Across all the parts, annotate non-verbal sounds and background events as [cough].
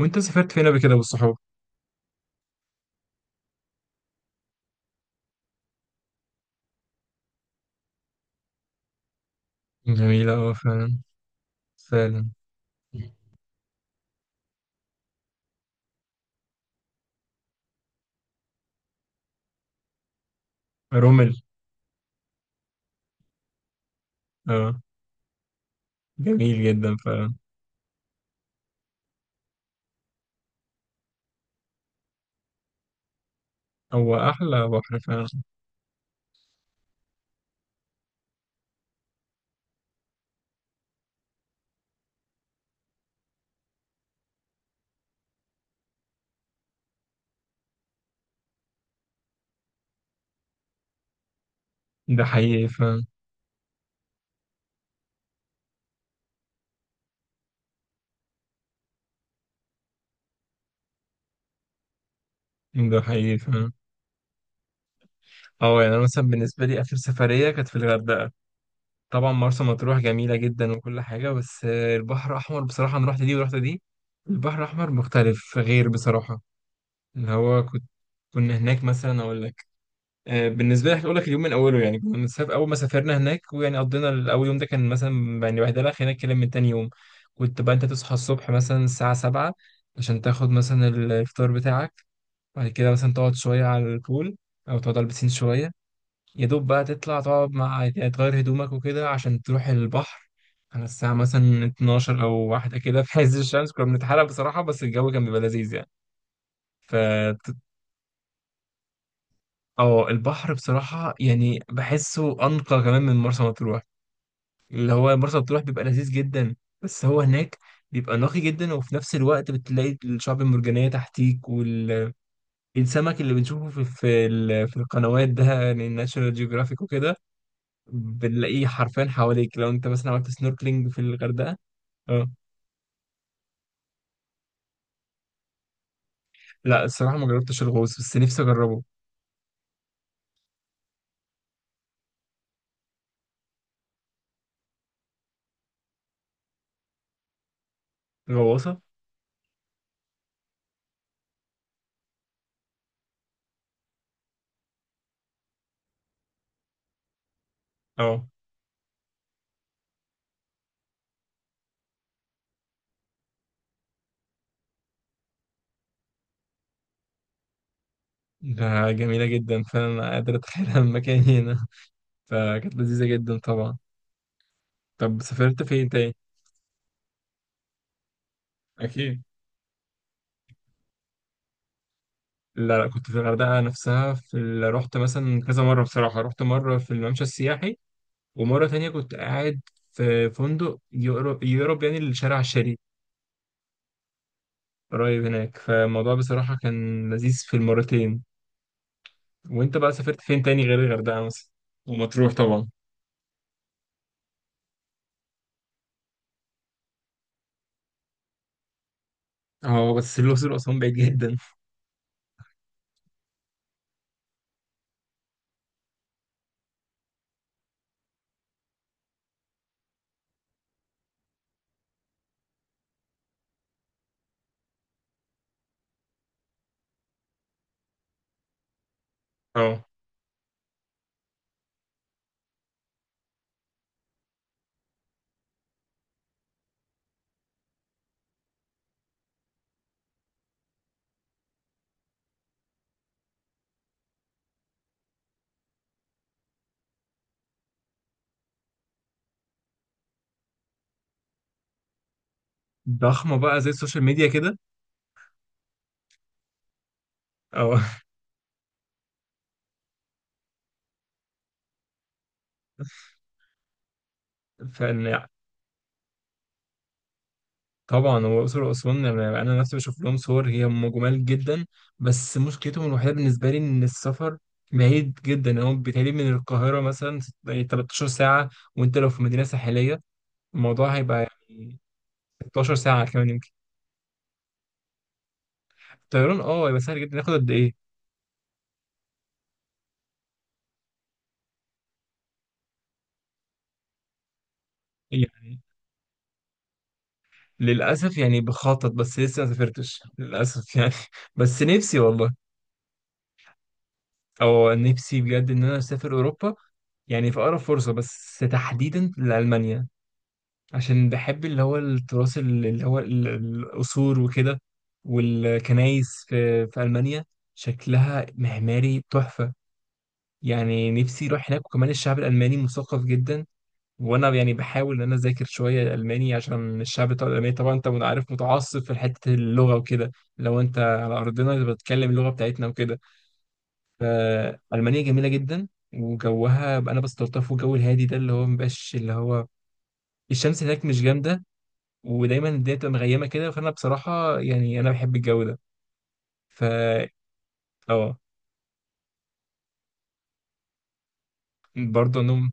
وانت سافرت فين قبل كده بالصحاب؟ جميلة، اه، فعلا. فعلا. رمل. اه، جميل جدا فعلا. هو أحلى بحر فعلا. ده حقيقي فعلا. ده حقيقي فعلا. اه، يعني أنا مثلا بالنسبة لي آخر سفرية كانت في الغردقة. طبعا مرسى مطروح جميلة جدا وكل حاجة، بس البحر الأحمر بصراحة أنا رحت دي ورحت دي. البحر الأحمر مختلف غير بصراحة. اللي هو كنت كنا هناك مثلا أقول لك. بالنسبه لي هقول لك اليوم من اوله، يعني كنا مسافر، اول ما سافرنا هناك ويعني قضينا الاول يوم، ده كان مثلا يعني واحده لك هناك كلام. من تاني يوم كنت بقى انت تصحى الصبح مثلا الساعه 7 عشان تاخد مثلا الفطار بتاعك. بعد كده مثلا تقعد شويه على البول او تقعد على البسين شويه. يا دوب بقى تطلع تقعد مع يعني تغير هدومك وكده عشان تروح البحر. على الساعه مثلا 12 او واحده كده، في عز الشمس كنا بنتحرق بصراحه، بس الجو كان بيبقى لذيذ. يعني اه، البحر بصراحة يعني بحسه أنقى كمان من مرسى مطروح. اللي هو مرسى مطروح بيبقى لذيذ جدا. بس هو هناك بيبقى نقي جدا، وفي نفس الوقت بتلاقي الشعب المرجانية تحتيك. والسمك اللي بنشوفه في القنوات ده، يعني ناشونال جيوغرافيك وكده، بنلاقيه حرفيا حواليك لو انت مثلا عملت سنوركلينج في الغردقة. اه. لا، الصراحة ما جربتش الغوص بس نفسي أجربه. غواصة. اه، ده جميلة جدا، فأنا قادر أتخيلها من مكاني هنا. فكانت لذيذة جدا طبعا. طب سافرت فين تاني؟ أكيد. لا لا، كنت في الغردقة نفسها رحت مثلا كذا مرة بصراحة. رحت مرة في الممشى السياحي، ومرة تانية كنت قاعد في فندق يقرب يعني لشارع الشريف، قريب هناك. فالموضوع بصراحة كان لذيذ في المرتين. وأنت بقى سافرت فين تاني غير الغردقة مثلا؟ ومطروح طبعا. اه، بس الأقصر وأسوان بعيد جدا. اه. ضخمة بقى زي السوشيال ميديا كده. اه. [laughs] فإن طبعا هو الأقصر وأسوان، يعني أنا نفسي بشوف لهم صور، هي هم جمال جدا. بس مشكلتهم الوحيدة بالنسبة لي إن السفر بعيد جدا. يعني هو بيتهيألي من القاهرة مثلا يعني 13 ساعة. وأنت لو في مدينة ساحلية الموضوع هيبقى يعني 16 ساعة كمان يمكن. الطيران أه هيبقى سهل جدا، ياخد قد إيه؟ يعني للأسف يعني بخطط بس لسه ما سافرتش للأسف يعني [laughs] بس نفسي والله. أو نفسي بجد إن أنا أسافر أوروبا، يعني في أقرب فرصة، بس تحديدا لألمانيا، عشان بحب اللي هو التراث اللي هو القصور وكده. والكنايس في ألمانيا شكلها معماري تحفة. يعني نفسي أروح هناك. وكمان الشعب الألماني مثقف جدا، وأنا يعني بحاول إن أنا أذاكر شوية ألماني، عشان الشعب بتاع الألماني طبعا أنت عارف متعصب في حتة اللغة وكده. لو أنت على أرضنا بتتكلم اللغة بتاعتنا وكده، فألمانيا جميلة جدا. وجوها أنا بستلطفه، الجو الهادي ده اللي هو مبقاش، اللي هو الشمس هناك مش جامدة، ودايما الدنيا بتبقى مغيمه كده، فانا بصراحه يعني انا بحب الجو ده. ف اه. برضه انهم.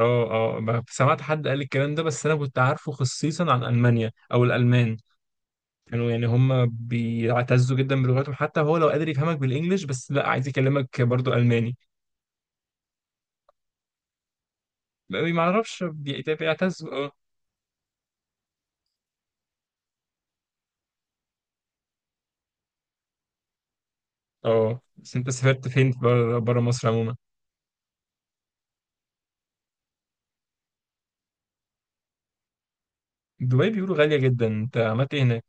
اه. اه، سمعت حد قال الكلام ده، بس انا كنت عارفه خصيصا عن المانيا او الالمان، كانوا يعني هم بيعتزوا جدا بلغتهم، حتى هو لو قادر يفهمك بالانجلش بس لا عايز يكلمك برضه الماني. ما اعرفش، بيعتزوا. اه. اه، بس انت سافرت فين بره مصر عموما؟ دبي بيقولوا غاليه جدا، انت عملت ايه هناك؟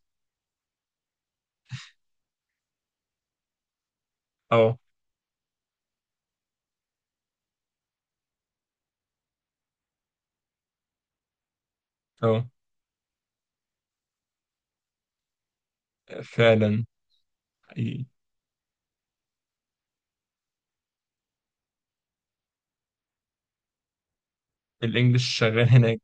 اه. اه، فعلا. الانجلش شغال هناك؟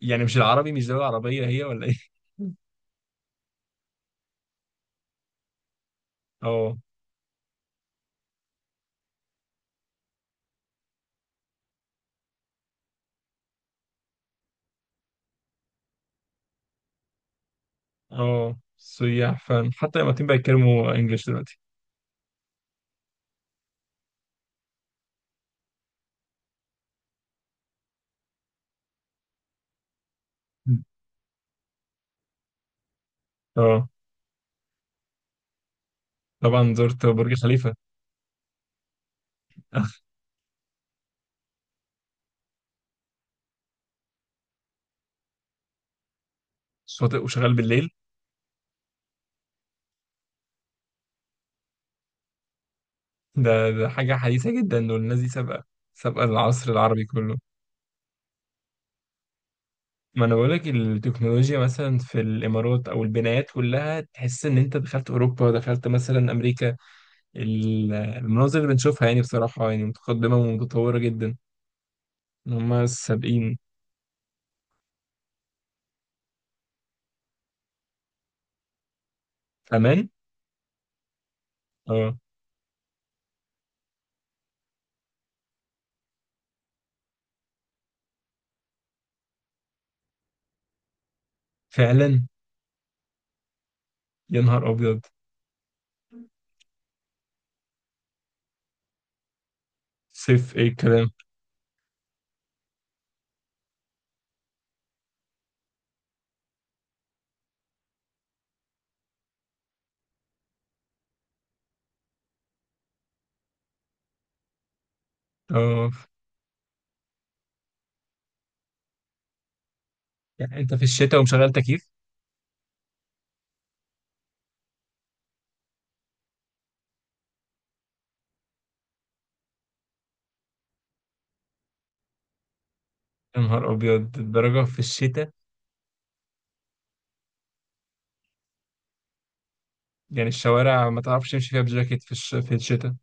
يعني مش العربي، مش دولة عربية هي ولا ايه؟ اه. اه، سياح، فعلا حتى الإماراتيين بقى يتكلموا انجلش دلوقتي. اه، طبعا زرت برج خليفة. [laughs] شاطئ وشغال بالليل؟ ده حاجة حديثة جدا، دول الناس دي سابقة، سابقة العصر العربي كله. ما انا بقولك التكنولوجيا مثلا في الامارات او البنايات كلها تحس ان انت دخلت اوروبا، دخلت مثلا امريكا. المناظر اللي بنشوفها يعني بصراحة يعني متقدمة ومتطورة جدا. ان هم سابقين. امان. اه، فعلا. يا نهار أبيض. صيف إيه الكلام. آه، يعني أنت في الشتاء ومشغل تكييف؟ يا نهار أبيض الدرجة في الشتاء. يعني الشوارع ما تعرفش تمشي فيها بجاكيت في الشتاء؟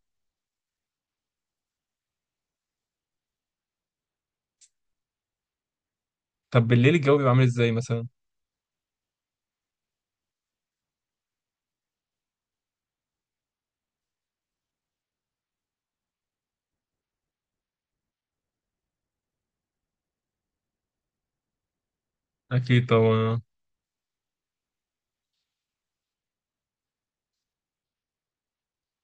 طب بالليل الجو بيبقى عامل إزاي مثلا؟ أكيد طبعا.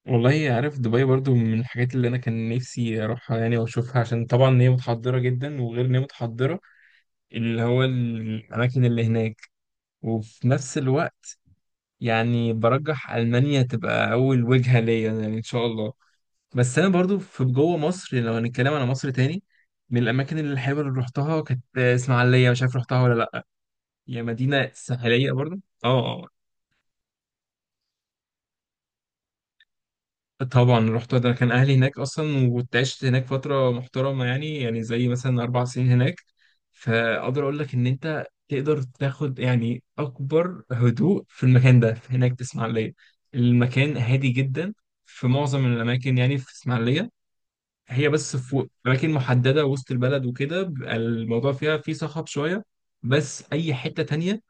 والله عارف، دبي برضو من الحاجات اللي أنا كان نفسي أروحها يعني وأشوفها، عشان طبعا هي متحضرة جدا. وغير إن هي متحضرة، اللي هو الأماكن اللي هناك، وفي نفس الوقت يعني برجح ألمانيا تبقى أول وجهة ليا، يعني إن شاء الله. بس انا برضو في جوه مصر، يعني لو هنتكلم على مصر تاني، من الاماكن اللي الحلوه اللي رحتها كانت اسماعيليه، مش عارف رحتها ولا لا. هي مدينه ساحليه برضو. اه. طبعا رحتها، ده كان اهلي هناك اصلا وكنت عشت هناك فتره محترمه، يعني يعني زي مثلا 4 سنين هناك. فاقدر اقول لك ان انت تقدر تاخد يعني اكبر هدوء في المكان ده، في هناك في اسماعيليه. المكان هادي جدا في معظم الاماكن يعني في اسماعيليه. هي بس في أماكن محددة وسط البلد وكده بيبقى الموضوع فيها فيه صخب شوية. بس أي حتة تانية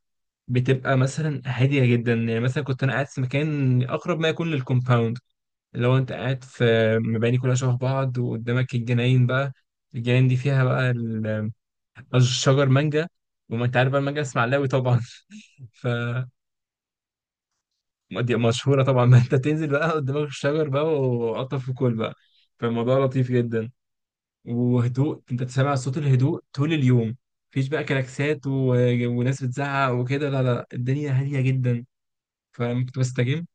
بتبقى مثلا هادية جدا. يعني مثلا كنت أنا قاعد في مكان أقرب ما يكون للكومباوند، اللي هو أنت قاعد في مباني كلها شبه بعض، وقدامك الجناين بقى. الجناين دي فيها بقى الشجر مانجا. وما أنت عارف بقى المانجا اسماعيلاوي طبعا. [laughs] ف دي مشهورة طبعا. ما أنت تنزل بقى قدامك الشجر بقى وقطف وكل بقى. فالموضوع لطيف جدا، وهدوء، انت تسمع صوت الهدوء طول اليوم. مفيش بقى كلاكسات و... وناس بتزعق وكده. لا لا لا، الدنيا هادية جدا. فلما كنت بستجم.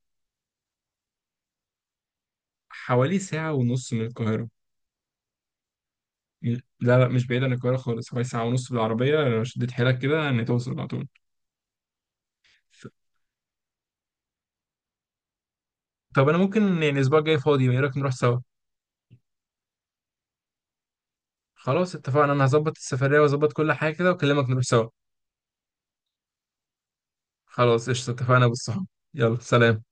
حوالي ساعة ونص من القاهرة. م- لا لا، مش بعيد عن القاهرة خالص، حوالي ساعة ونص بالعربية لو شديت حيلك كده ان توصل على طول. ف- طب انا ممكن يعني الاسبوع الجاي فاضي، ايه رأيك نروح سوا؟ خلاص اتفقنا، انا هظبط السفرية واظبط كل حاجة كده واكلمك نروح سوا. خلاص قشطة، اتفقنا بالصحاب. يلا سلام.